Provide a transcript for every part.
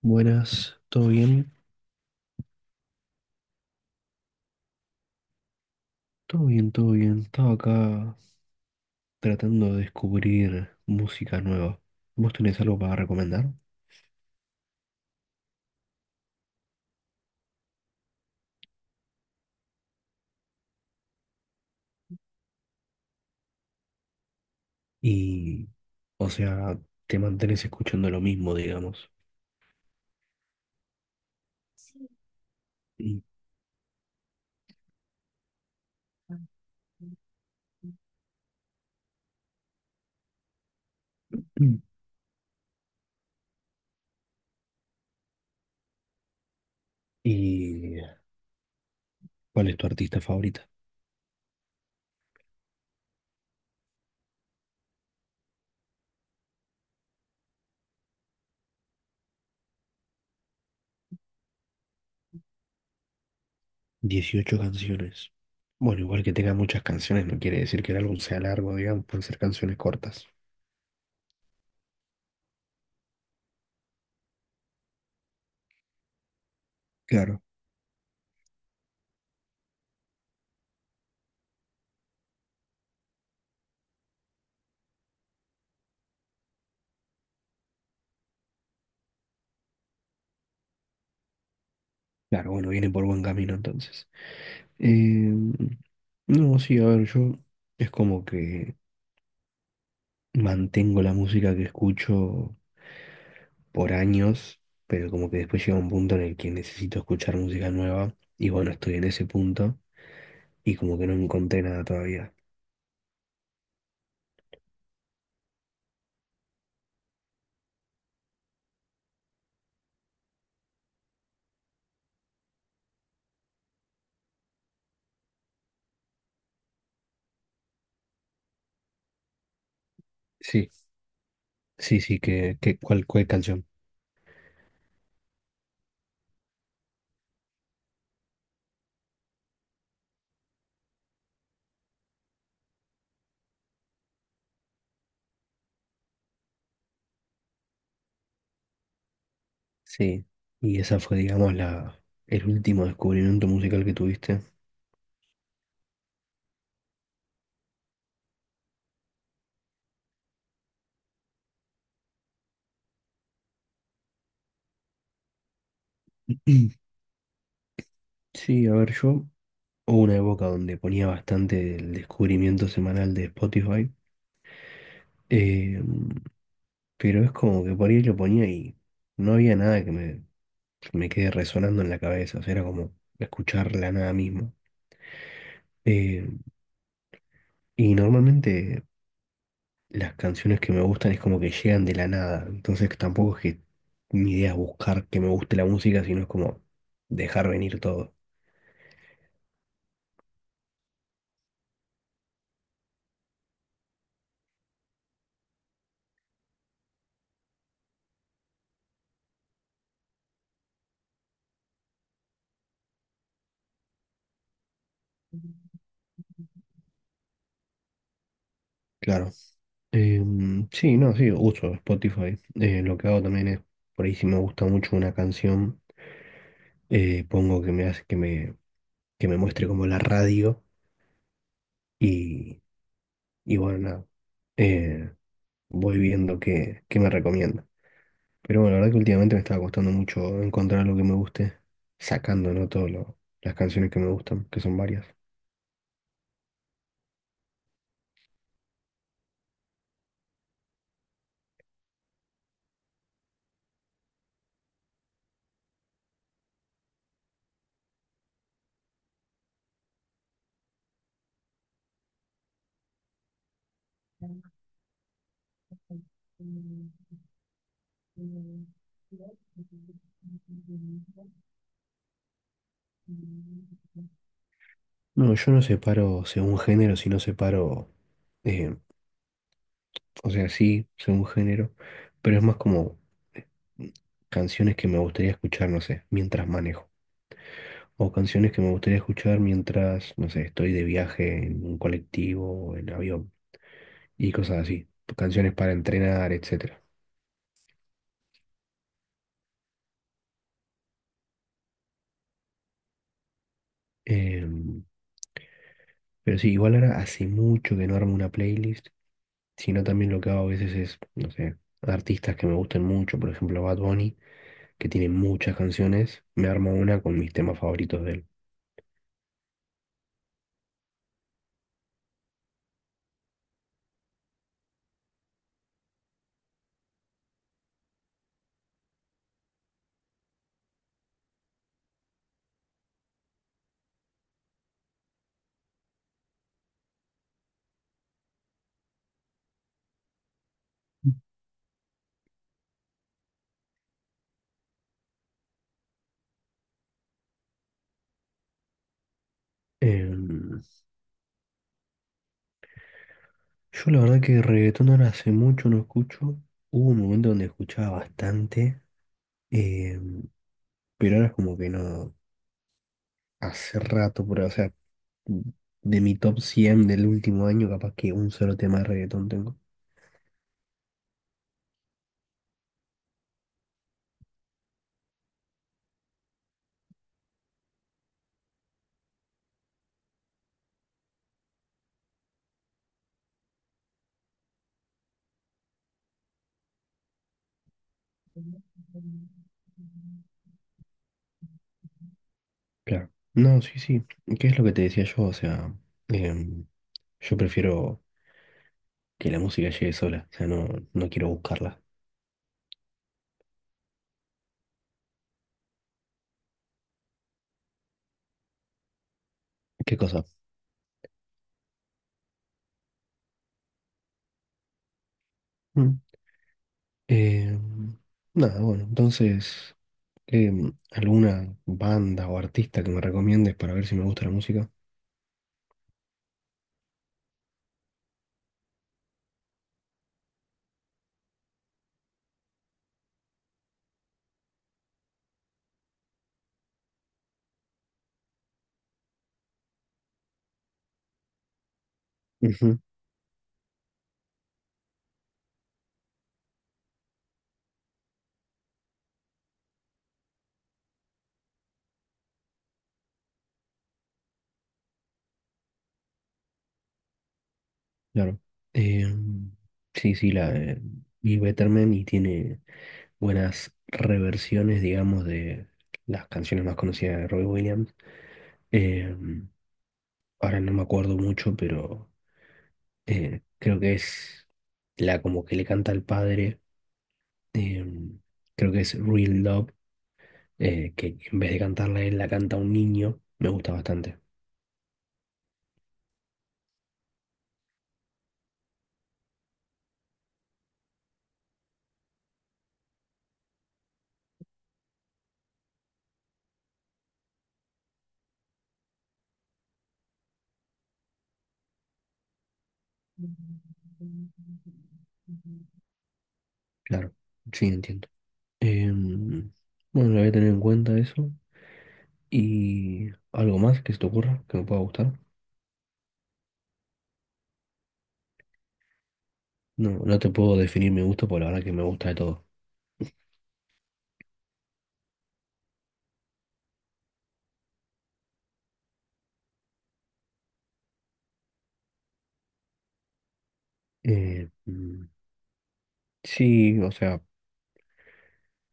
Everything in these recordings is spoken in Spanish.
Buenas, ¿todo bien? Todo bien, todo bien. Estaba acá tratando de descubrir música nueva. ¿Vos tenés algo para recomendar? Y, o sea, te mantenés escuchando lo mismo, digamos. Y, y ¿cuál es tu artista favorita? 18 canciones. Bueno, igual que tenga muchas canciones no quiere decir que el álbum sea largo, digamos, pueden ser canciones cortas. Claro. Claro, bueno, viene por buen camino entonces. Eh, no, sí, a ver, yo es como que... Mantengo la música que escucho por años, pero como que después llega un punto en el que necesito escuchar música nueva. Y bueno, estoy en ese punto y como que no encontré nada todavía. Sí, sí, sí, que ¿cuál, cuál canción? Sí. Y esa fue, digamos, la, el último descubrimiento musical que tuviste. Mm. Sí, a ver, yo hubo una época donde ponía bastante el descubrimiento semanal de Spotify. Eh, Pero es como que por ahí lo ponía y no había nada que me quede resonando en la cabeza. O sea, era como escuchar la nada misma. Eh, y normalmente las canciones que me gustan es como que llegan de la nada. Entonces tampoco es que mi idea es buscar que me guste la música, sino es como dejar venir todo. Claro. Sí, no, sí, uso Spotify. Lo que hago también es, por ahí si me gusta mucho una canción, pongo que me hace que me muestre como la radio y, y bueno, nada. Eh, voy viendo qué, qué me recomienda. Pero bueno, la verdad que últimamente me estaba costando mucho encontrar algo que me guste, sacando, ¿no? Todas las canciones que me gustan, que son varias. No, yo no separo según género, sino separo, eh, o sea, sí, según género, pero es más como eh, canciones que me gustaría escuchar, no sé, mientras manejo. O canciones que me gustaría escuchar mientras, no sé, estoy de viaje en un colectivo o en avión, y cosas así, canciones para entrenar, etcétera. Em, pero sí, igual ahora hace mucho que no armo una playlist, sino también lo que hago a veces es, no sé, artistas que me gusten mucho, por ejemplo Bad Bunny, que tiene muchas canciones, me armo una con mis temas favoritos de él. Em, yo la verdad que reggaetón ahora hace mucho no escucho, hubo un momento donde escuchaba bastante, em, pero ahora es como que no. Hace rato, pero, o sea, de mi top 100 del último año, capaz que un solo tema de reggaetón tengo. Claro. No, sí, sí. ¿Qué es lo que te decía yo? O sea, em, yo prefiero que la música llegue sola. O sea, no, no quiero buscarla. ¿Qué cosa? Mm. Em, nada, bueno, entonces, ¿alguna banda o artista que me recomiendes para ver si me gusta la música? Ujú. Claro. Em, sí, sí, Bill Betterman y tiene buenas reversiones, digamos, de las canciones más conocidas de Robbie Williams. Em, ahora no me acuerdo mucho, pero creo que es la como que le canta al padre. em, creo que es Real Love, que en vez de cantarla a él, la canta a un niño. Me gusta bastante. Claro, sí, entiendo. Em, bueno, lo voy a tener en cuenta eso. ¿Y algo más que se te ocurra que me pueda gustar? No, no te puedo definir mi gusto, por la verdad que me gusta de todo. Eh, mm, sí, o sea,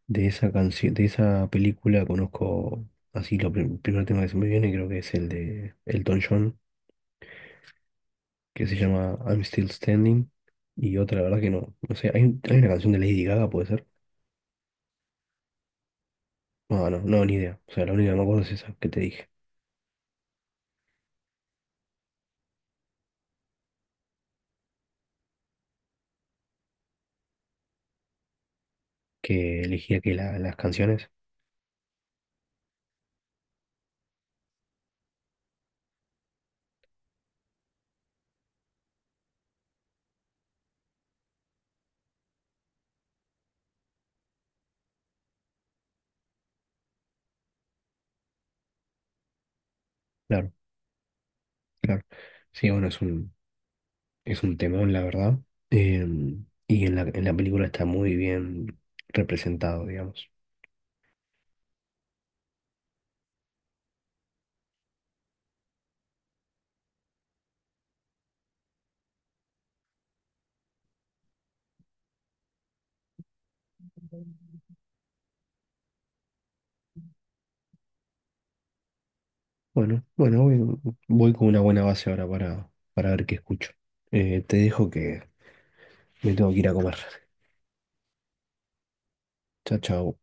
de esa canción, de esa película conozco así lo primer tema que se me viene, creo que es el de Elton John, que se llama I'm Still Standing. Y otra, la verdad que no, no sé, hay, hay una canción de Lady Gaga, ¿puede ser? No, no, no, ni idea. O sea, la única que me acuerdo es esa que te dije, que elegía que las canciones. Claro, claro. Sí, bueno, es un, es un temón, la verdad. Y en la película está muy bien representado, digamos. Bueno, bueno, voy, voy con una buena base ahora para ver qué escucho. Te dejo que me tengo que ir a comer. Chao, chao.